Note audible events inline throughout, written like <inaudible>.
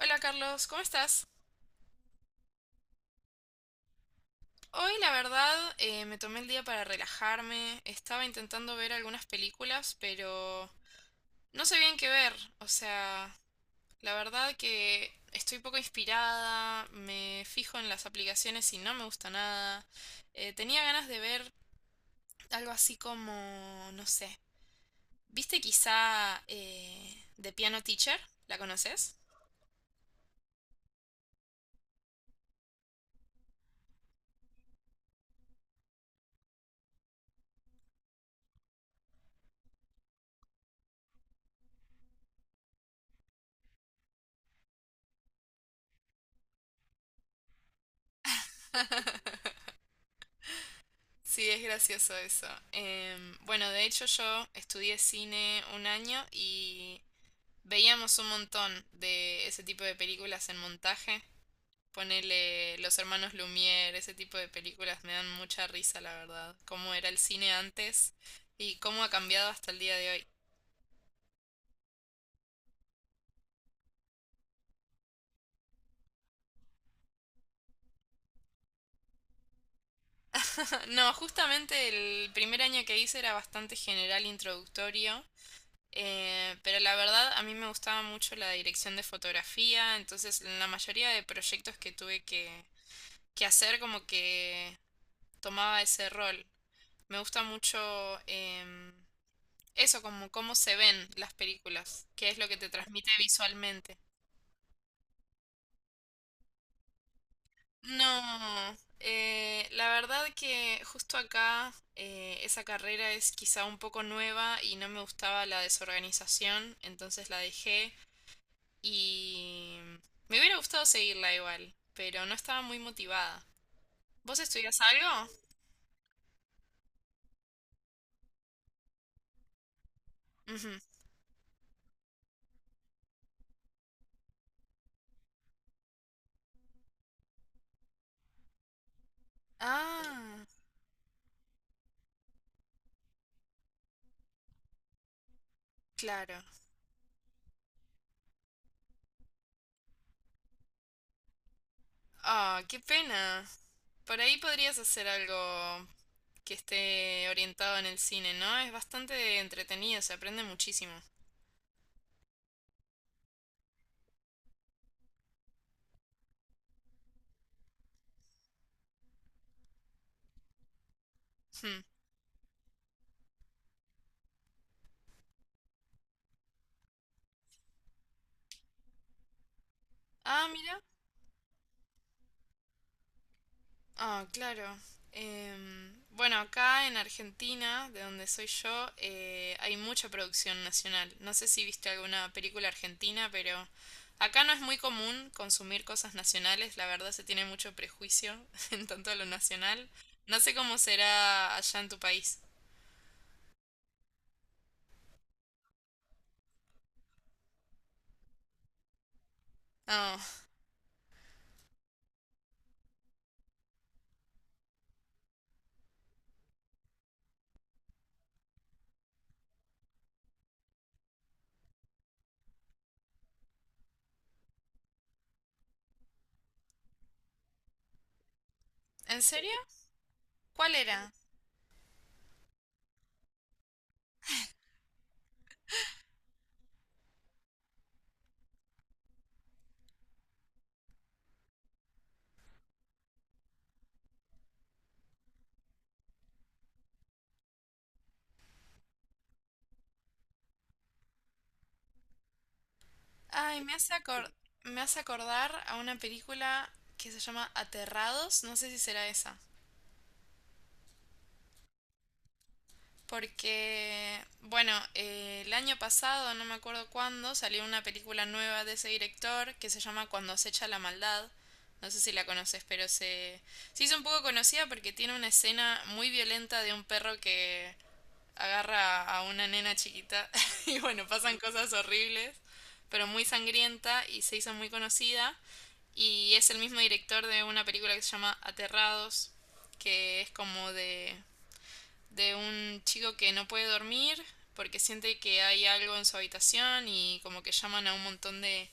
Hola Carlos, ¿cómo estás? Hoy la verdad me tomé el día para relajarme, estaba intentando ver algunas películas, pero no sé bien qué ver, o sea, la verdad que estoy poco inspirada, me fijo en las aplicaciones y no me gusta nada. Tenía ganas de ver algo así como, no sé, ¿viste quizá The Piano Teacher? ¿La conoces? <laughs> Sí, es gracioso eso. Bueno, de hecho yo estudié cine un año y veíamos un montón de ese tipo de películas en montaje. Ponele Los Hermanos Lumière, ese tipo de películas me dan mucha risa, la verdad. Cómo era el cine antes y cómo ha cambiado hasta el día de hoy. <laughs> No, justamente el primer año que hice era bastante general introductorio. Pero la verdad, a mí me gustaba mucho la dirección de fotografía, entonces en la mayoría de proyectos que tuve que hacer como que tomaba ese rol. Me gusta mucho em, eso, como cómo se ven las películas, qué es lo que te transmite visualmente. No, la verdad que justo acá esa carrera es quizá un poco nueva y no me gustaba la desorganización, entonces la dejé. Y me hubiera gustado seguirla igual, pero no estaba muy motivada. ¿Vos estudias algo? Ujú. Ah, claro. Ah, qué pena. Por ahí podrías hacer algo que esté orientado en el cine, ¿no? Es bastante entretenido, se aprende muchísimo. Hmm. Ah, mira. Ah, claro. Bueno, acá en Argentina, de donde soy yo, hay mucha producción nacional. No sé si viste alguna película argentina, pero acá no es muy común consumir cosas nacionales. La verdad se tiene mucho prejuicio <laughs> en tanto a lo nacional. No sé cómo será allá en tu país. Oh, ¿en serio? ¿Cuál era? Ay, me hace acordar a una película que se llama Aterrados. No sé si será esa. Porque, bueno, el año pasado, no me acuerdo cuándo, salió una película nueva de ese director que se llama Cuando acecha la maldad. No sé si la conoces, pero se hizo un poco conocida porque tiene una escena muy violenta de un perro que agarra a una nena chiquita <laughs> y bueno, pasan cosas horribles, pero muy sangrienta y se hizo muy conocida. Y es el mismo director de una película que se llama Aterrados, que es como de un chico que no puede dormir porque siente que hay algo en su habitación y como que llaman a un montón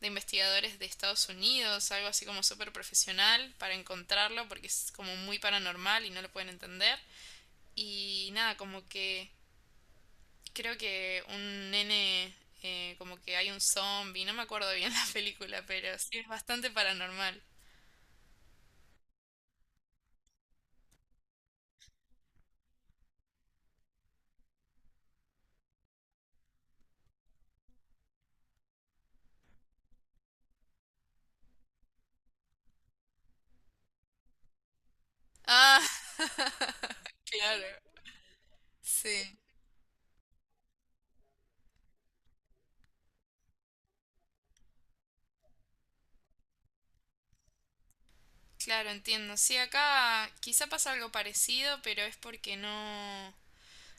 de investigadores de Estados Unidos, algo así como súper profesional para encontrarlo porque es como muy paranormal y no lo pueden entender. Y nada, como que creo que un nene, como que hay un zombie, no me acuerdo bien <laughs> la película, pero sí es bastante paranormal. Ah, <laughs> claro, sí. Claro, entiendo. Sí, acá quizá pasa algo parecido, pero es porque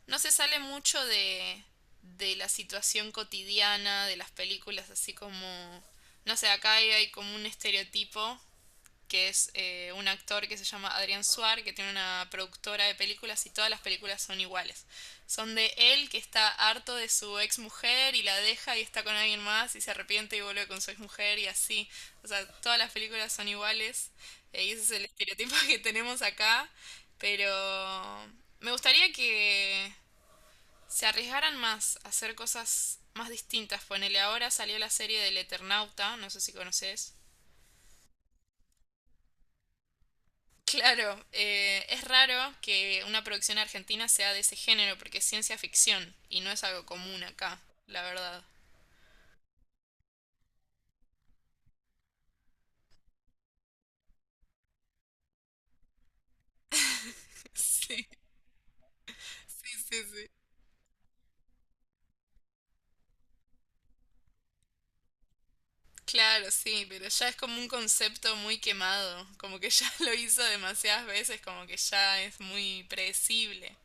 no se sale mucho de la situación cotidiana, de las películas, así como, no sé, acá hay como un estereotipo que es un actor que se llama Adrián Suar, que tiene una productora de películas y todas las películas son iguales. Son de él que está harto de su ex mujer y la deja y está con alguien más y se arrepiente y vuelve con su ex mujer y así. O sea, todas las películas son iguales y ese es el estereotipo <laughs> que tenemos acá. Pero me gustaría que se arriesgaran más a hacer cosas más distintas. Ponele ahora salió la serie del Eternauta, no sé si conoces. Claro, es raro que una producción argentina sea de ese género porque es ciencia ficción y no es algo común acá, la verdad. <laughs> Sí, sí, sí, sí. Claro, sí, pero ya es como un concepto muy quemado, como que ya <laughs> lo hizo demasiadas veces, como que ya es muy predecible.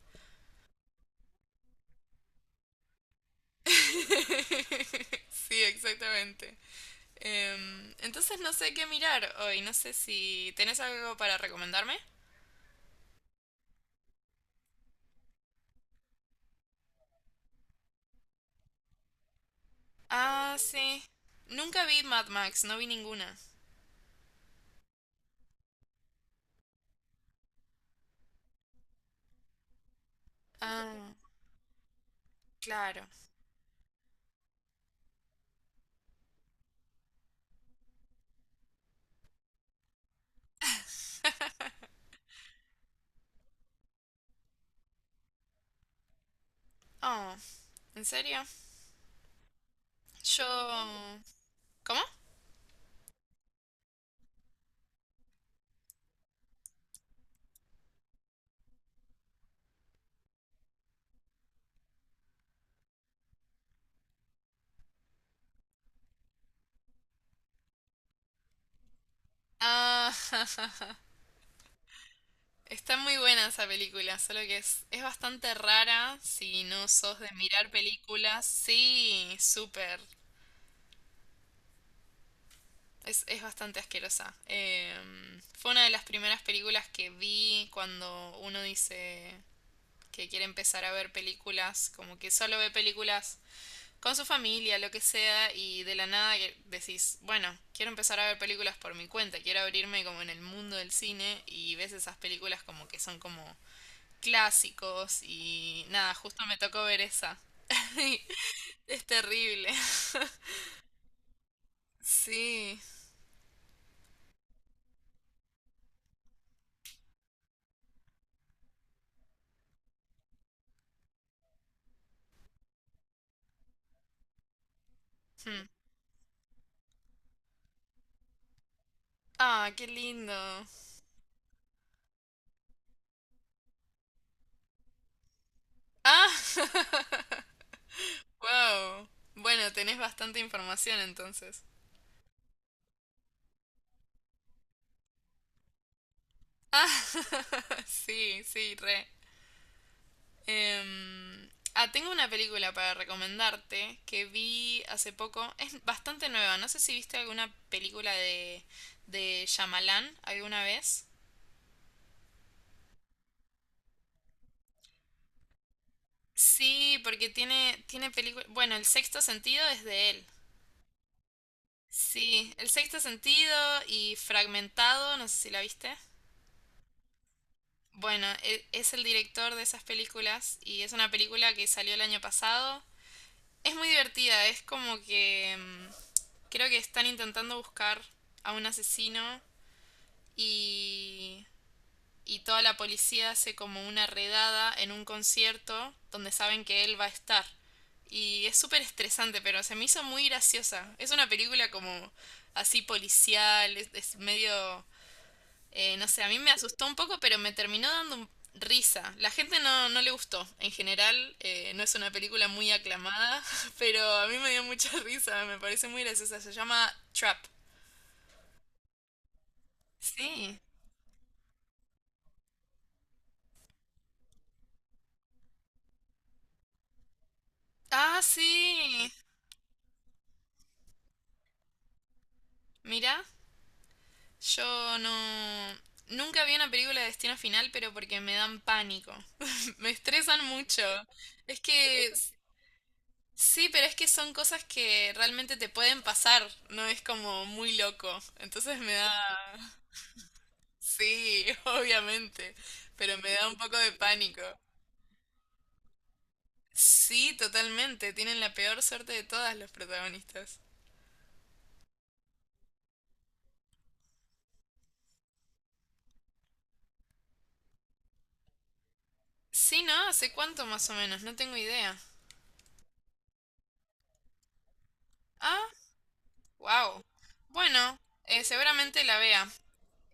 <laughs> Sí, exactamente. Entonces no sé qué mirar hoy, no sé si tenés algo para recomendarme. Ah, sí. Nunca vi Mad Max, no vi ninguna. Ah, claro. <laughs> Oh, ¿en serio? Yo... ¿Cómo? Ah, <laughs> está muy buena esa película, solo que es bastante rara si no sos de mirar películas. Sí, súper. Es bastante asquerosa. Em, fue una de las primeras películas que vi cuando uno dice que quiere empezar a ver películas, como que solo ve películas con su familia, lo que sea, y de la nada que decís, bueno, quiero empezar a ver películas por mi cuenta, quiero abrirme como en el mundo del cine y ves esas películas como que son como clásicos y nada, justo me tocó ver esa. <laughs> Es terrible. Sí. Hmm. Ah, qué lindo. Ah, <laughs> wow. Bueno, tenés bastante información entonces. Ah, <laughs> sí, sí, re. Em, ah, tengo una película para recomendarte que vi hace poco. Es bastante nueva. No sé si viste alguna película de Shyamalan alguna vez. Sí, porque tiene películas... Bueno, El Sexto Sentido es de él. Sí, El Sexto Sentido y Fragmentado, no sé si la viste. Bueno, es el director de esas películas y es una película que salió el año pasado. Es muy divertida, es como que mm, creo que están intentando buscar a un asesino y, y toda la policía hace como una redada en un concierto donde saben que él va a estar. Y es súper estresante, pero se me hizo muy graciosa. Es una película como así policial, es medio no sé, a mí me asustó un poco, pero me terminó dando risa. La gente no le gustó. En general, no es una película muy aclamada, <laughs> pero a mí me dio mucha <laughs> risa, me parece muy graciosa. Se llama Trap. Sí. Ah, sí. Mira, yo no... Nunca vi una película de Destino Final, pero porque me dan pánico. <laughs> Me estresan mucho. Es que... Sí, pero es que son cosas que realmente te pueden pasar, no es como muy loco. Entonces me da... Sí, <laughs> obviamente, pero me da un poco de pánico. Sí, totalmente, tienen la peor suerte de todas los protagonistas. Sí, ¿no? ¿Hace cuánto más o menos? No tengo idea. Ah, wow. Bueno, seguramente la vea.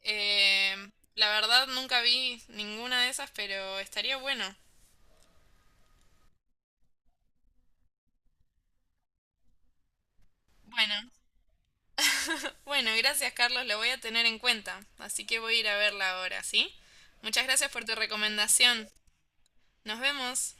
Eh, la verdad nunca vi ninguna de esas, pero estaría bueno. Bueno, bueno, gracias Carlos, lo voy a tener en cuenta, así que voy a ir a verla ahora, ¿sí? Muchas gracias por tu recomendación. Nos vemos.